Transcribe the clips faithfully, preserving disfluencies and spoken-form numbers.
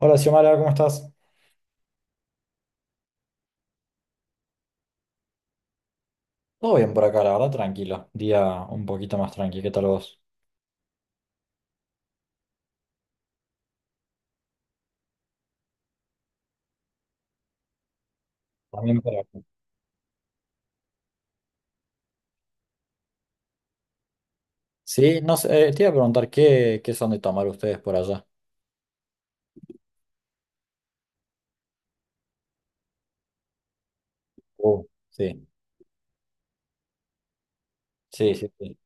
Hola Xiomara, ¿cómo estás? Todo bien por acá, la verdad, tranquilo. Día un poquito más tranquilo. ¿Qué tal vos? También por acá. Sí, no sé, eh, te iba a preguntar qué, qué son de tomar ustedes por allá. Uh, sí, sí, sí, sí.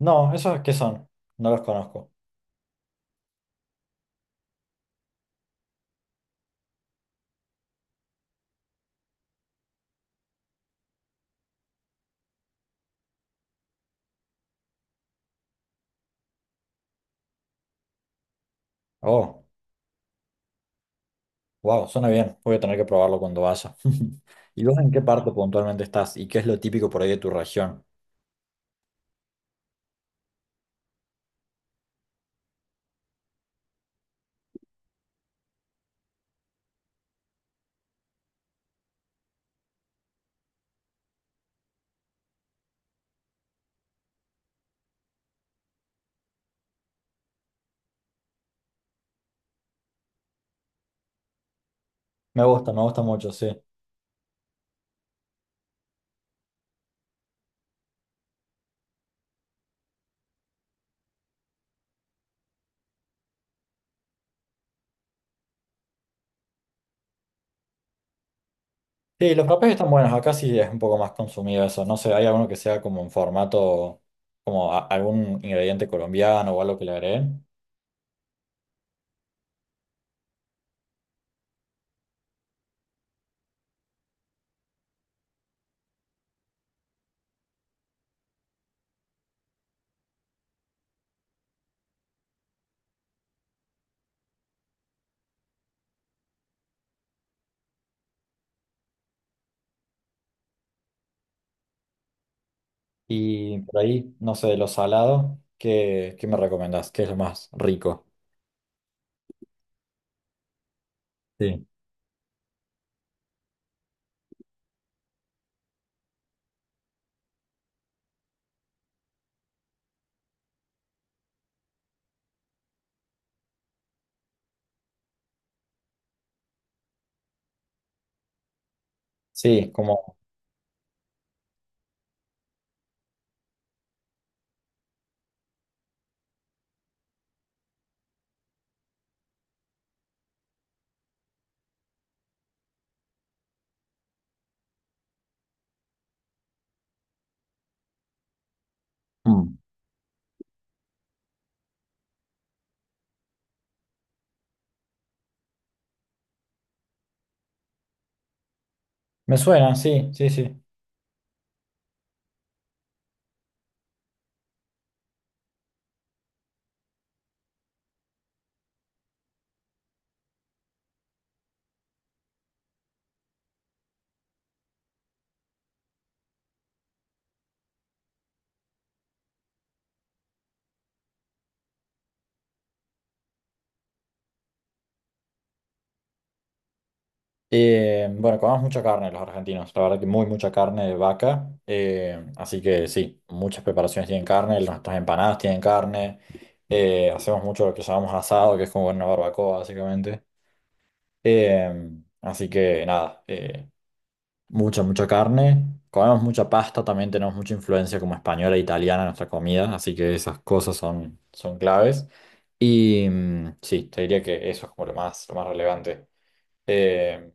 No, ¿esos qué son? No los conozco. Oh, wow, suena bien. Voy a tener que probarlo cuando vaya. ¿Y vos en qué parte puntualmente estás? ¿Y qué es lo típico por ahí de tu región? Me gusta, me gusta mucho, sí. Sí, los frappés están buenos. Acá sí es un poco más consumido eso. No sé, ¿hay alguno que sea como en formato, como a- algún ingrediente colombiano o algo que le agreguen? Y por ahí, no sé, de lo salado, ¿qué, qué me recomendás? ¿Qué es lo más rico? Sí. Sí, como... Mm. Me suena, sí, sí, sí. Eh, bueno, comemos mucha carne los argentinos, la verdad que muy mucha carne de vaca, eh, así que sí, muchas preparaciones tienen carne, nuestras empanadas tienen carne, eh, hacemos mucho lo que llamamos asado, que es como una barbacoa básicamente, eh, así que nada, eh, mucha mucha carne, comemos mucha pasta, también tenemos mucha influencia como española e italiana en nuestra comida, así que esas cosas son, son claves y mm, sí, te diría que eso es como lo más, lo más relevante. Em,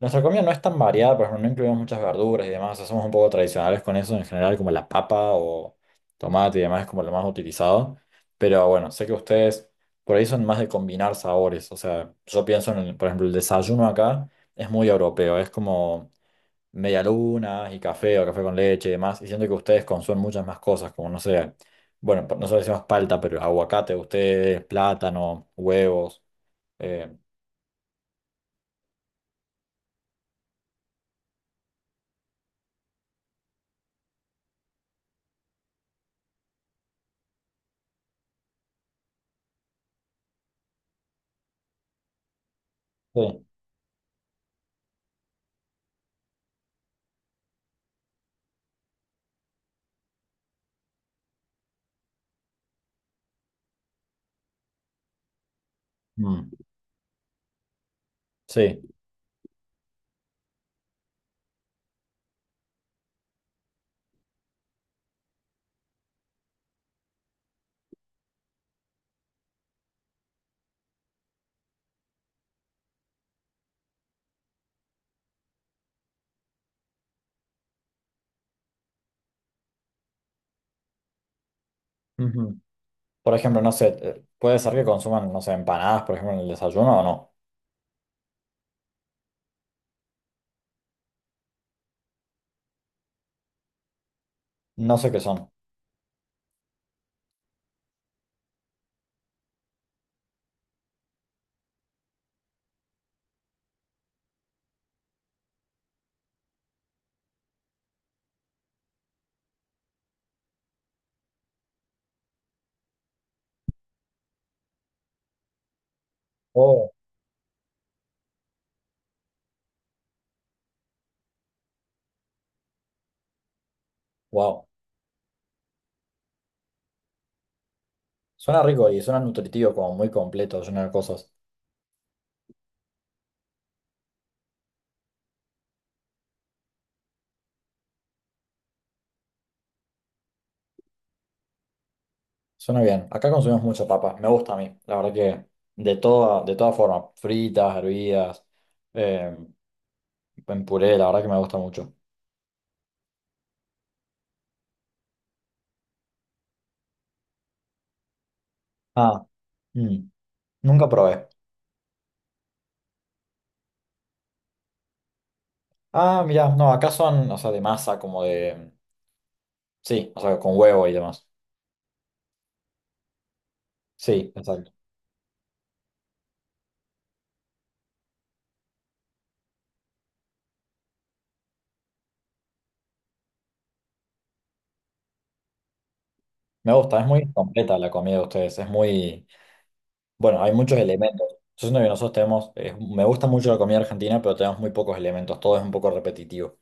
nuestra comida no es tan variada, por ejemplo, no incluimos muchas verduras y demás, o sea, somos un poco tradicionales con eso en general, como la papa o tomate y demás es como lo más utilizado. Pero bueno, sé que ustedes por ahí son más de combinar sabores, o sea, yo pienso en, el- por ejemplo, el desayuno acá es muy europeo, es como medialunas y café o café con leche y demás, y siento que ustedes consumen muchas más cosas, como no sé, bueno, nosotros decimos palta, pero aguacate, ustedes, plátano, huevos, eh, sí, mm, sí. Por ejemplo, no sé, eh, puede ser que consuman, no sé, empanadas, por ejemplo, en el desayuno o no. No sé qué son. Oh, wow. Suena rico y suena nutritivo, como muy completo, lleno de cosas. Suena bien. Acá consumimos mucha papa. Me gusta a mí. La verdad que de toda, de toda forma. Fritas, hervidas, eh, en puré, la verdad que me gusta mucho. Ah, mm, nunca probé. Ah, mirá, no, acá son, o sea, de masa, como de... Sí, o sea, con huevo y demás. Sí, exacto. Me gusta, es muy completa la comida de ustedes, es muy... Bueno, hay muchos elementos. Yo siento que nosotros tenemos, eh, me gusta mucho la comida argentina, pero tenemos muy pocos elementos, todo es un poco repetitivo.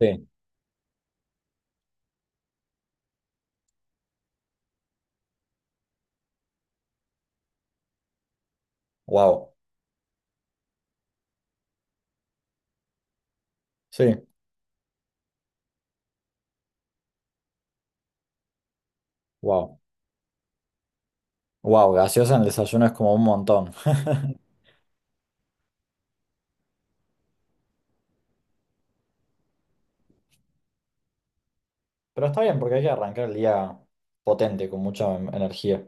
Sí, wow, sí, wow, wow, gaseosa en el desayuno es como un montón. Pero está bien porque hay que arrancar el día potente, con mucha em- energía.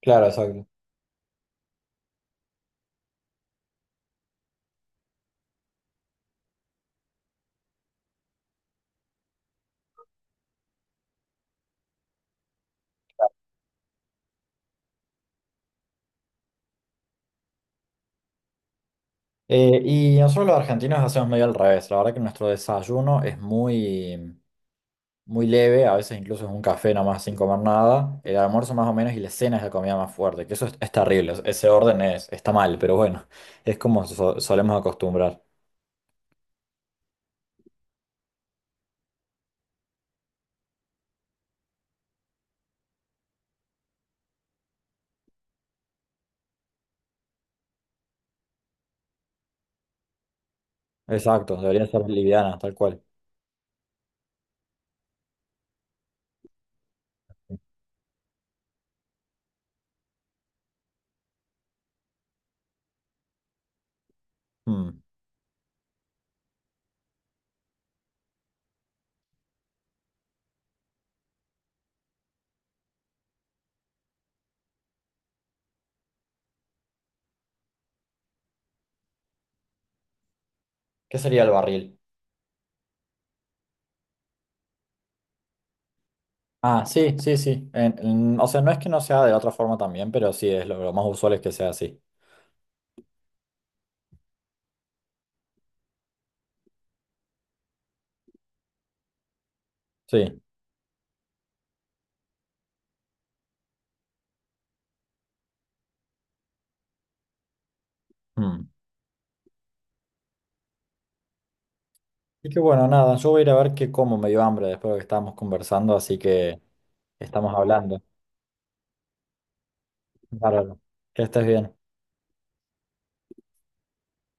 Claro, exacto. Eh, y nosotros los argentinos hacemos medio al revés, la verdad que nuestro desayuno es muy... muy leve, a veces incluso es un café nomás sin comer nada, el almuerzo más o menos y la cena es la comida más fuerte, que eso es, es terrible, es- ese orden es, está mal, pero bueno, es como so- solemos acostumbrar. Exacto, debería ser liviana, tal cual. Hmm, ¿qué sería el barril? Ah, sí, sí, sí. en- en- o sea, no es que no sea de la otra forma también, pero sí, es lo, lo más usual es que sea así. Sí. Hmm. Y que bueno, nada, yo voy a ir a ver qué como, me dio hambre después de lo que estábamos conversando, así que estamos hablando. Bárbaro. Que estés bien.